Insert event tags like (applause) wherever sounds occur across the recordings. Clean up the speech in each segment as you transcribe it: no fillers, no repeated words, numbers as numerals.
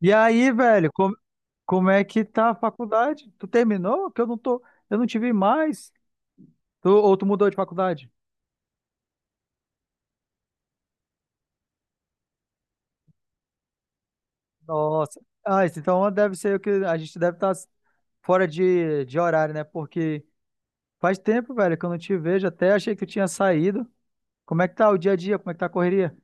E aí, velho, como é que tá a faculdade? Tu terminou? Que eu não tô, eu não te vi mais. Tu, ou tu mudou de faculdade? Nossa. Ah, isso então deve ser o que a gente deve estar fora de horário, né? Porque faz tempo, velho, que eu não te vejo. Até achei que tu tinha saído. Como é que tá o dia a dia? Como é que tá a correria?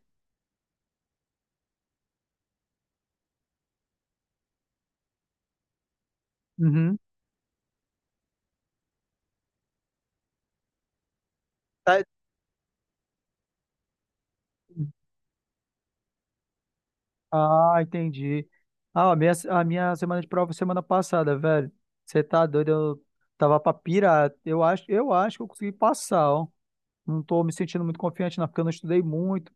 Uhum. Tá- Ah, entendi. Ah, a minha semana de prova foi semana passada, velho. Você tá doido? Eu tava pra pirar. Eu acho que eu consegui passar, ó. Não estou me sentindo muito confiante, não, porque eu não estudei muito.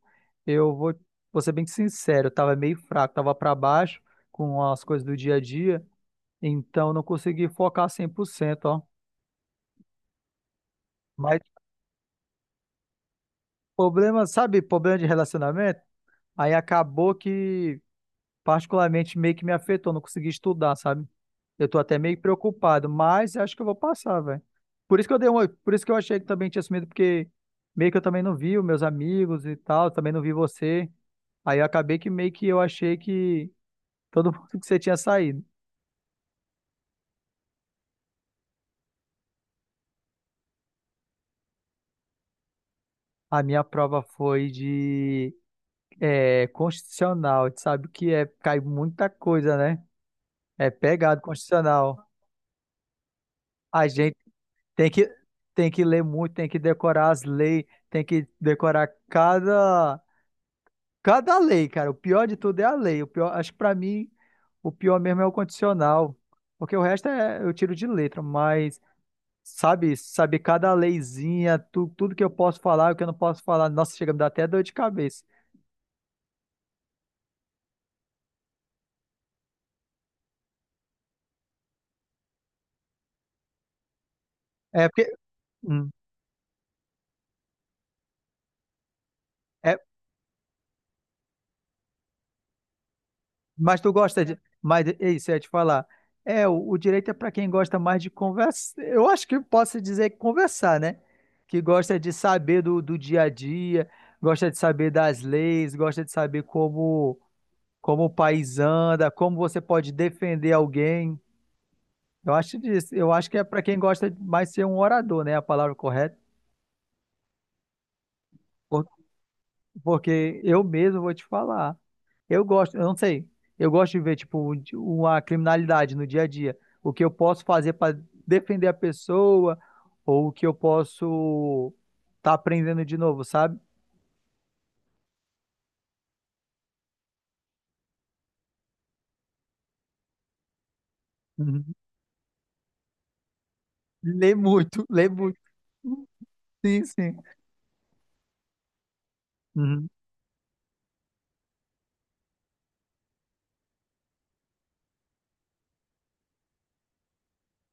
Eu vou, vou ser bem sincero, eu estava meio fraco, estava para baixo com as coisas do dia a dia, então não consegui focar 100%, ó. Mas problema, sabe, problema de relacionamento, aí acabou que particularmente meio que me afetou, não consegui estudar, sabe? Eu tô até meio preocupado, mas acho que eu vou passar, velho. Por isso que eu dei uma, por isso que eu achei que também tinha sumido, porque meio que eu também não vi os meus amigos e tal, também não vi você. Aí eu acabei que meio que eu achei que todo mundo que você tinha saído. A minha prova foi de é, constitucional. Tu sabe que é, cai muita coisa, né? É pegado constitucional. A gente tem que, tem que ler muito, tem que decorar as leis, tem que decorar cada, cada lei, cara. O pior de tudo é a lei. O pior, acho que pra mim, o pior mesmo é o condicional. Porque o resto é, eu tiro de letra, mas sabe cada leizinha, tu, tudo que eu posso falar, o que eu não posso falar. Nossa, chega a me dar até dor de cabeça. É porque, hum, é, mas tu gosta de, mas é isso, eu ia te falar. É, o direito é para quem gosta mais de conversar. Eu acho que eu posso dizer que conversar, né? Que gosta de saber do dia a dia, gosta de saber das leis, gosta de saber como o país anda, como você pode defender alguém. Eu acho disso. Eu acho que é para quem gosta de mais ser um orador, né? A palavra correta. Porque eu mesmo vou te falar. Eu gosto, eu não sei. Eu gosto de ver, tipo, uma criminalidade no dia a dia. O que eu posso fazer para defender a pessoa, ou o que eu posso estar aprendendo de novo, sabe? Uhum. Lê muito, lê muito. Sim, sim. Uhum.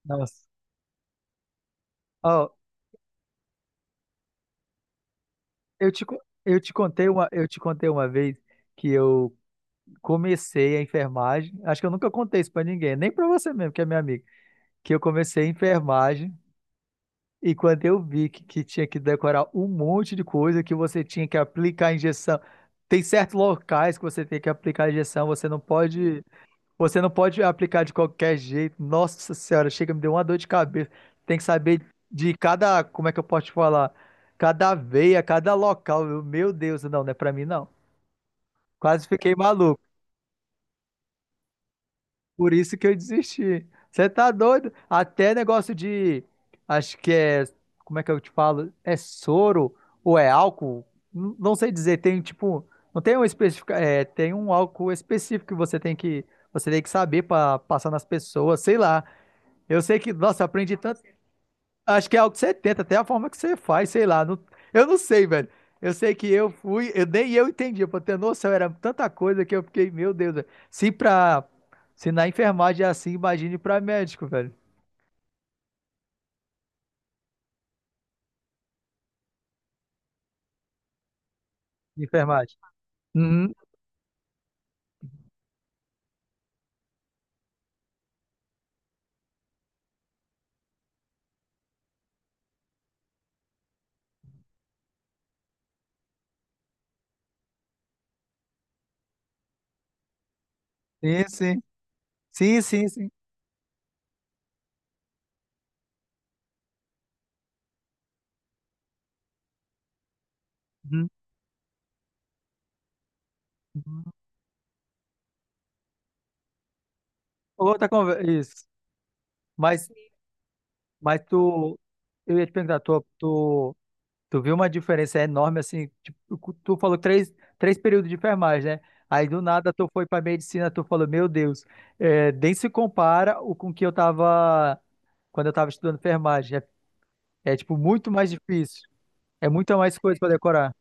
Nossa. Ó, eu te, co- eu te contei uma, eu te contei uma vez que eu comecei a enfermagem. Acho que eu nunca contei isso para ninguém, nem para você mesmo, que é minha amiga. Que eu comecei a enfermagem. E quando eu vi que tinha que decorar um monte de coisa, que você tinha que aplicar a injeção. Tem certos locais que você tem que aplicar a injeção, você não pode aplicar de qualquer jeito. Nossa Senhora, chega, me deu uma dor de cabeça. Tem que saber de cada, como é que eu posso te falar? Cada veia, cada local. Eu, meu Deus, não, não é pra mim não. Quase fiquei maluco. Por isso que eu desisti. Você tá doido? Até negócio de. Acho que é. Como é que eu te falo? É soro ou é álcool? Não sei dizer. Tem tipo. Não tem um específico. É, tem um álcool específico que você tem que. Você tem que saber pra passar nas pessoas, sei lá. Eu sei que, nossa, eu aprendi. Acho que é algo que você tenta, até a forma que você faz, sei lá. Eu não sei, velho. Eu sei que eu fui, eu, nem eu entendi, pra ter noção, era tanta coisa que eu fiquei, meu Deus, velho. Se pra, se na enfermagem é assim, imagine pra médico, velho. Enfermagem. Uhum. Sim, sim. Sim, sim, sim. Uhum. Uhum. Outra conversa, isso. Mas, mas tu, eu ia te perguntar, tu Tu viu uma diferença enorme, assim, tipo, tu falou três períodos de enfermagem, né? Aí do nada tu foi pra medicina, tu falou, meu Deus, é, nem se compara o com que eu tava quando eu tava estudando enfermagem. Tipo muito mais difícil, é muita mais coisa pra decorar.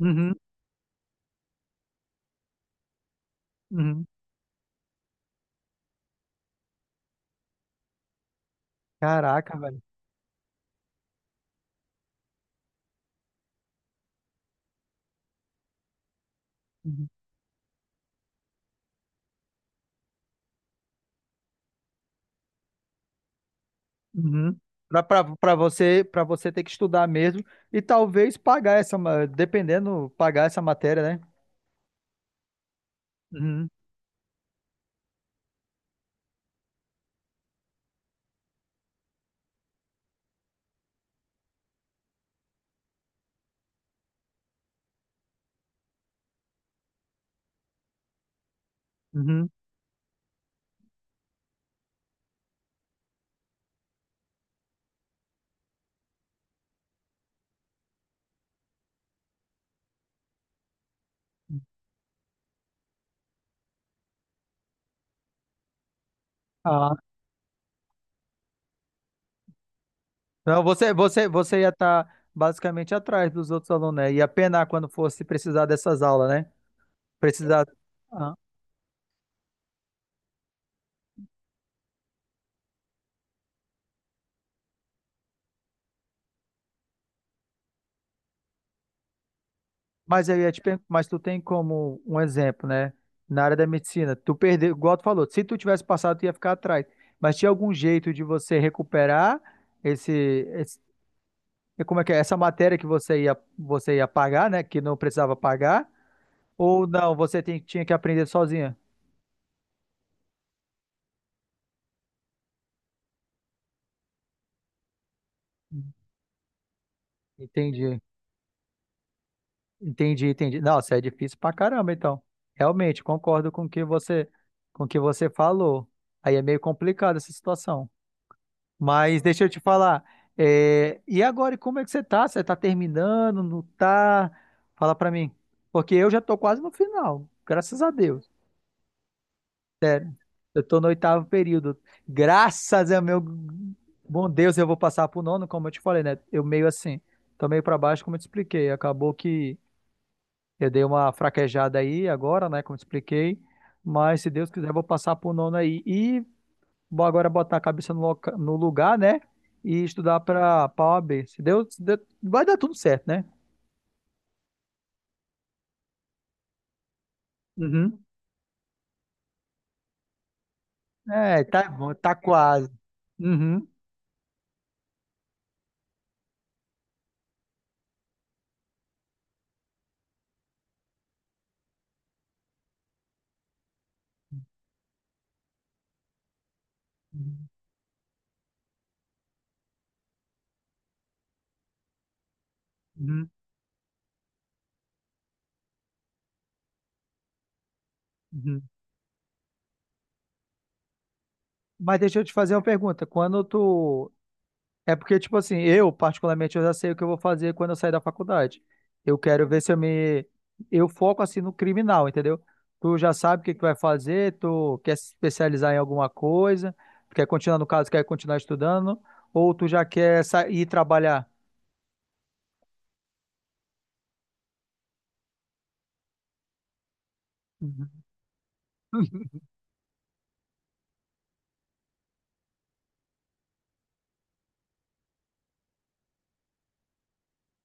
Uhum, uhum. Caraca, velho. Uhum. Uhum. Pra você ter que estudar mesmo e talvez pagar essa, dependendo, pagar essa matéria, né? Uhum, uhum. Ah. Não, você ia estar basicamente atrás dos outros alunos, né? Ia penar quando fosse precisar dessas aulas, né? Precisar. Ah, mas eu ia te perguntar, mas tu tem como um exemplo, né? Na área da medicina, tu perdeu, igual tu falou, se tu tivesse passado, tu ia ficar atrás. Mas tinha algum jeito de você recuperar esse, esse- como é que é? Essa matéria que você ia pagar, né? Que não precisava pagar? Ou não, tinha que aprender sozinha? Entendi. Entendi. Nossa, é difícil pra caramba, então. Realmente, concordo com o que você, com o que você falou. Aí é meio complicado essa situação. Mas deixa eu te falar. E agora, e como é que você tá? Você tá terminando? Não tá? Fala pra mim. Porque eu já tô quase no final, graças a Deus. Eu tô no 8º período. Graças a meu bom Deus, eu vou passar pro nono, como eu te falei, né? Eu meio assim, tô meio pra baixo, como eu te expliquei. Acabou que eu dei uma fraquejada aí agora, né? Como te expliquei. Mas se Deus quiser, eu vou passar pro nono aí. E vou agora botar a cabeça no, no lugar, né? E estudar para a OAB. Se Deus, se Deus- vai dar tudo certo, né? Uhum. É, tá bom, tá quase. Uhum. Uhum. Uhum. Mas deixa eu te fazer uma pergunta. É porque, tipo assim, eu, particularmente, eu já sei o que eu vou fazer quando eu sair da faculdade. Eu quero ver se eu me. Eu foco, assim, no criminal, entendeu? Tu já sabe o que que tu vai fazer, tu quer se especializar em alguma coisa, tu quer continuar, no caso, quer continuar estudando, ou tu já quer ir trabalhar? Uhum.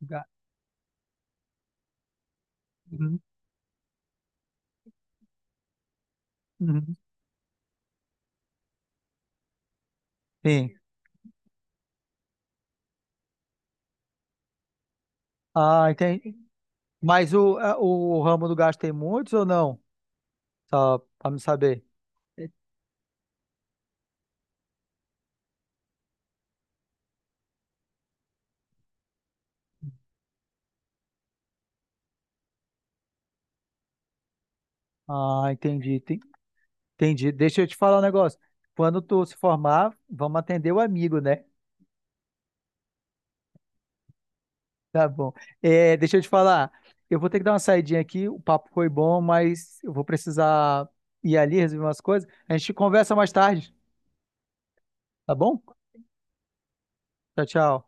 Ga- uhum, uhum. Sim. Ah, entendi. Mas o ramo do gasto tem muitos ou não? Só pra me saber. Ah, entendi. Entendi. Deixa eu te falar um negócio. Quando tu se formar, vamos atender o amigo, né? (laughs) Tá bom. É, deixa eu te falar. Eu vou ter que dar uma saidinha aqui. O papo foi bom, mas eu vou precisar ir ali resolver umas coisas. A gente conversa mais tarde, tá bom? Tchau, tchau.